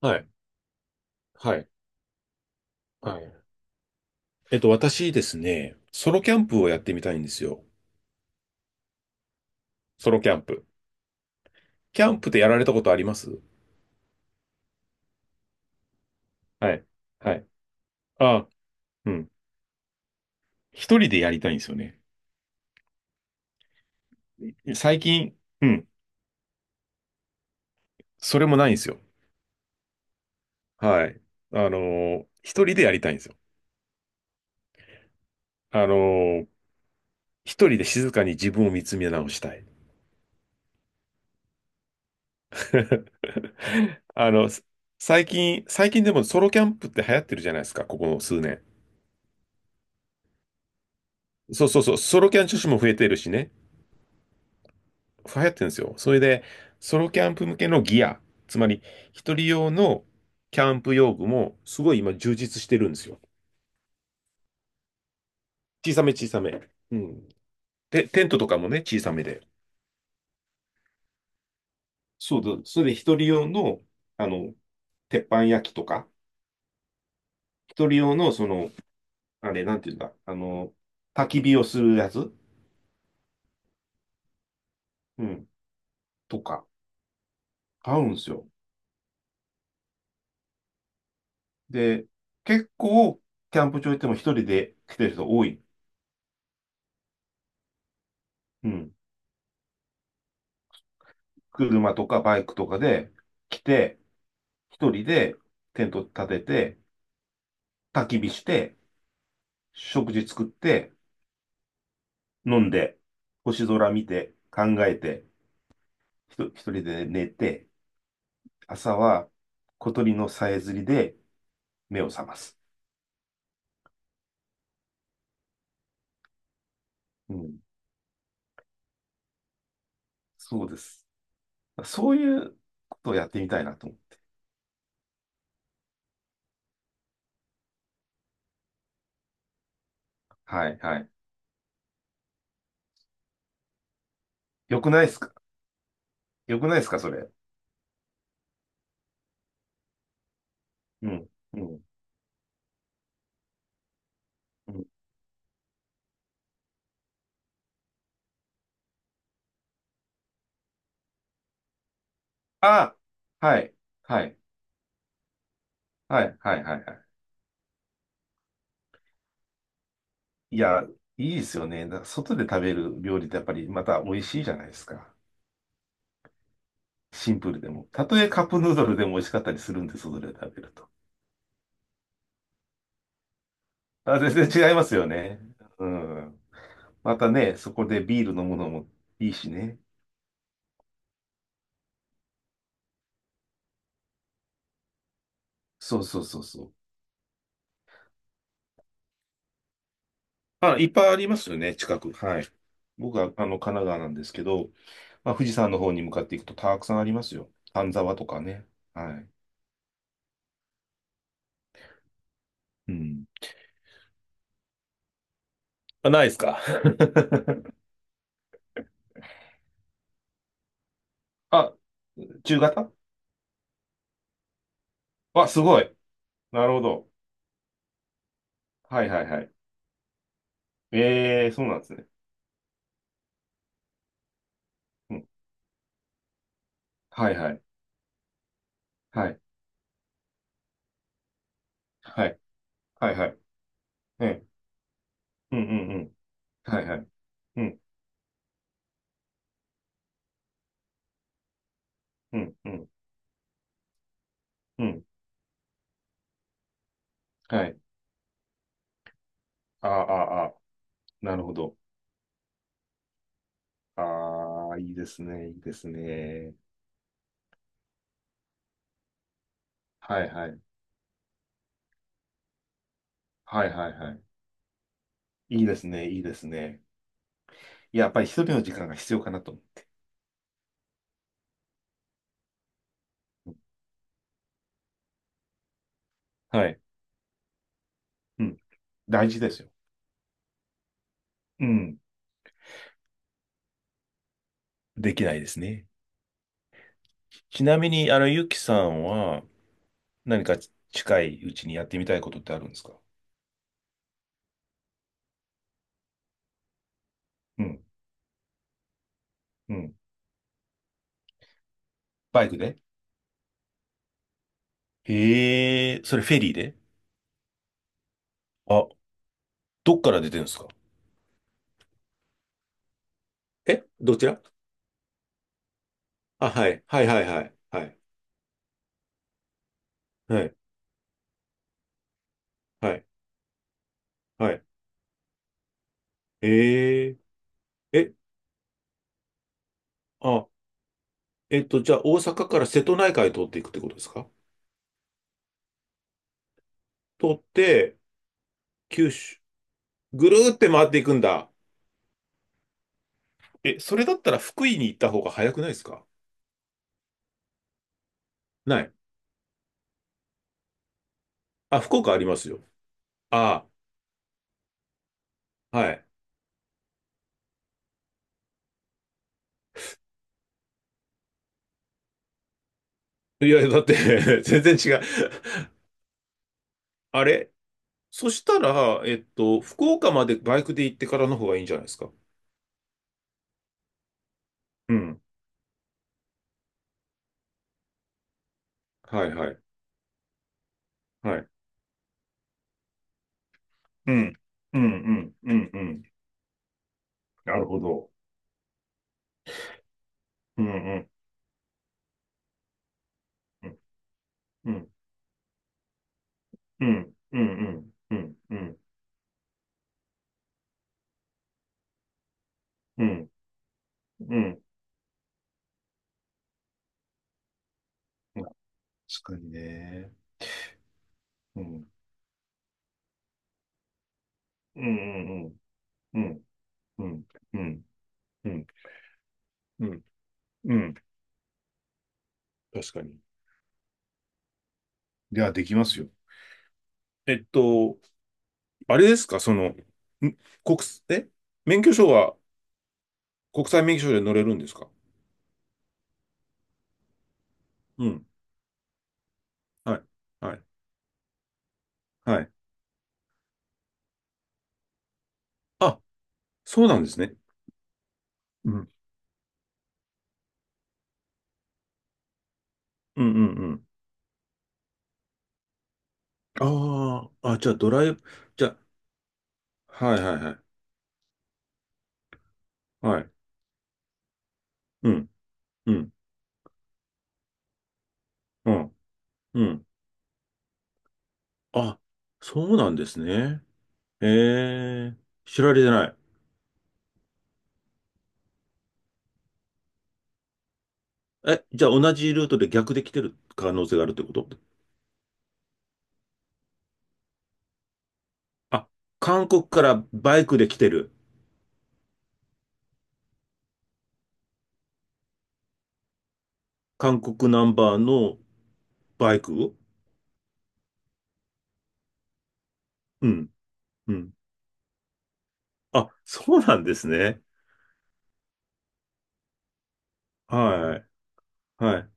はい。はい。はい。私ですね、ソロキャンプをやってみたいんですよ。ソロキャンプ。キャンプってやられたことあります？はい。はい。あ、うん。一人でやりたいんですよね。最近、うん。それもないんですよ。はい。一人でやりたいんですよ。あのー一人で静かに自分を見つめ直したい。あの、最近でもソロキャンプって流行ってるじゃないですか、ここの数年。そうそうそう、ソロキャン女子も増えてるしね。流行ってるんですよ。それで、ソロキャンプ向けのギア、つまり一人用のキャンプ用具もすごい今充実してるんですよ。小さめ小さめ。うん。で、テントとかもね、小さめで。そうだ。それで一人用の、あの、鉄板焼きとか、一人用の、その、あれ、なんていうんだ、焚き火をするやつ、うん、とか、買うんですよ。で、結構、キャンプ場行っても一人で来てる人多い。うん。車とかバイクとかで来て、一人でテント立てて、焚き火して、食事作って、飲んで、星空見て、考えて、一人で寝て、朝は小鳥のさえずりで目を覚ます。うん、そうです。そういうことをやってみたいなと思う。はい、はい。よくないですかよくないですかそれ？うん、うん、うん。あ、はい、はい、はい、はい、はい。はい。いや、いいですよね。だから外で食べる料理ってやっぱりまた美味しいじゃないですか。シンプルでも。たとえカップヌードルでも美味しかったりするんです、それで食べると。あ、全然違いますよね。うん。またね、そこでビール飲むのもいいしね。そうそうそうそう。あ、いっぱいありますよね、近く。はい。僕は、神奈川なんですけど、まあ、富士山の方に向かっていくとたくさんありますよ。丹沢とかね。はい。うん。あ、ないですか？ あ、中型。あ、すごい。なるほど。はいはいはい。ええー、そうなんですね。うん。はいはい。はい。はい。はいはい。ええ。うんうんうん。はいはい。うんうんうんうん。はい。ああ、ああ、なるほど。ああ、いいですね。いいですね。はいはい。はいはいはい。いいですね。いいですね。いや、やっぱり一人の時間が必要かなと。うん。はい。うん。大事ですよ。うん。できないですね。ちなみに、ゆきさんは何か近いうちにやってみたいことってあるんですか？うん。うん。バイクで。へえ、それフェリーで？あ、どっから出てるんですか？どちら？あ、はい。はいはいはい。はい。はい。はい。はい。えー、え、あ、えっと、じゃあ大阪から瀬戸内海通っていくってことですか？通って、九州、ぐるーって回っていくんだ。え、それだったら福井に行った方が早くないですか？ない。あ、福岡ありますよ。ああ、はい。いや、だって。 全然違う。あれ、そしたら、福岡までバイクで行ってからの方がいいんじゃないですか？うん。はいはい。はい。うん。うん、うん、うん、うん。なるほど。うん、うん、うん、うん、うん、うん、うん、うん、うん、うん。確かにね。うん、うん、うん、うん、うん、うん、うん、うん。確かに。いや、できますよ。えっと、あれですか、国え免許証は国際免許証で乗れるんですか？うん。はい。はい。はい。あ、そうなんですね。うん。うんうんうん。ああ、あ、じゃあドライブ、じゃあ。はいはいはい。はい。うん。うん。うん。うん。あ、そうなんですね。ええ、知られてない。え、じゃあ同じルートで逆で来てる可能性があるってこと？あ、韓国からバイクで来てる。韓国ナンバーのバイク。うん。うん。あ、そうなんですね。はい。はい。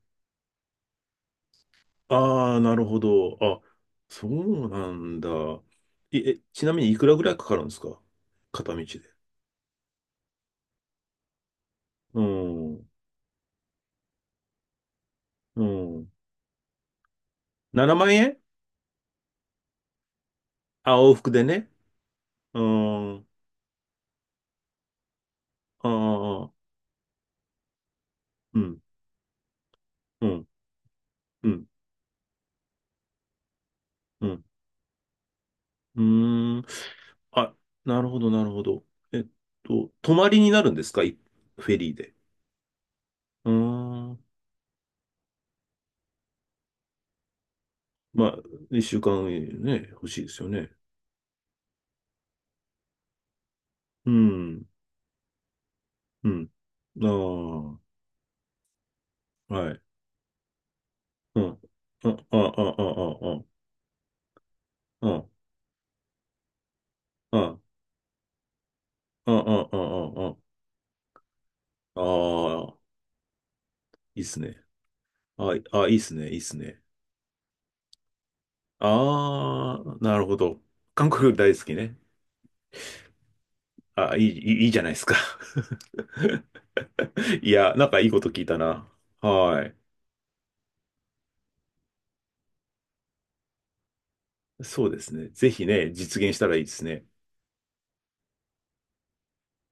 ああ、なるほど。あ、そうなんだ。いえ、ちなみにいくらぐらいかかるんですか？片道で。うん。うん。7万円。あ、往復でね。うーん、あー、うん、うん、うん、うん、うーん。あ、なるほど、なるほど。えっ泊まりになるんですかい？フェリーで。うーん。まあ、一週間ね、欲しいですよね。うん、うん。ああ、はい。うん。あ、あ、あ、あ、あ、あ、あ、あ、あ、あ、あ、あ、あ、あ、あ、いいっすね。あ、あ、いいっすね、いいっすね。ああ、なるほど。韓国大好きね。あ、いい、いいいいじゃないですか。いや、なんかいいこと聞いたな。はい。そうですね。ぜひね、実現したらいいですね。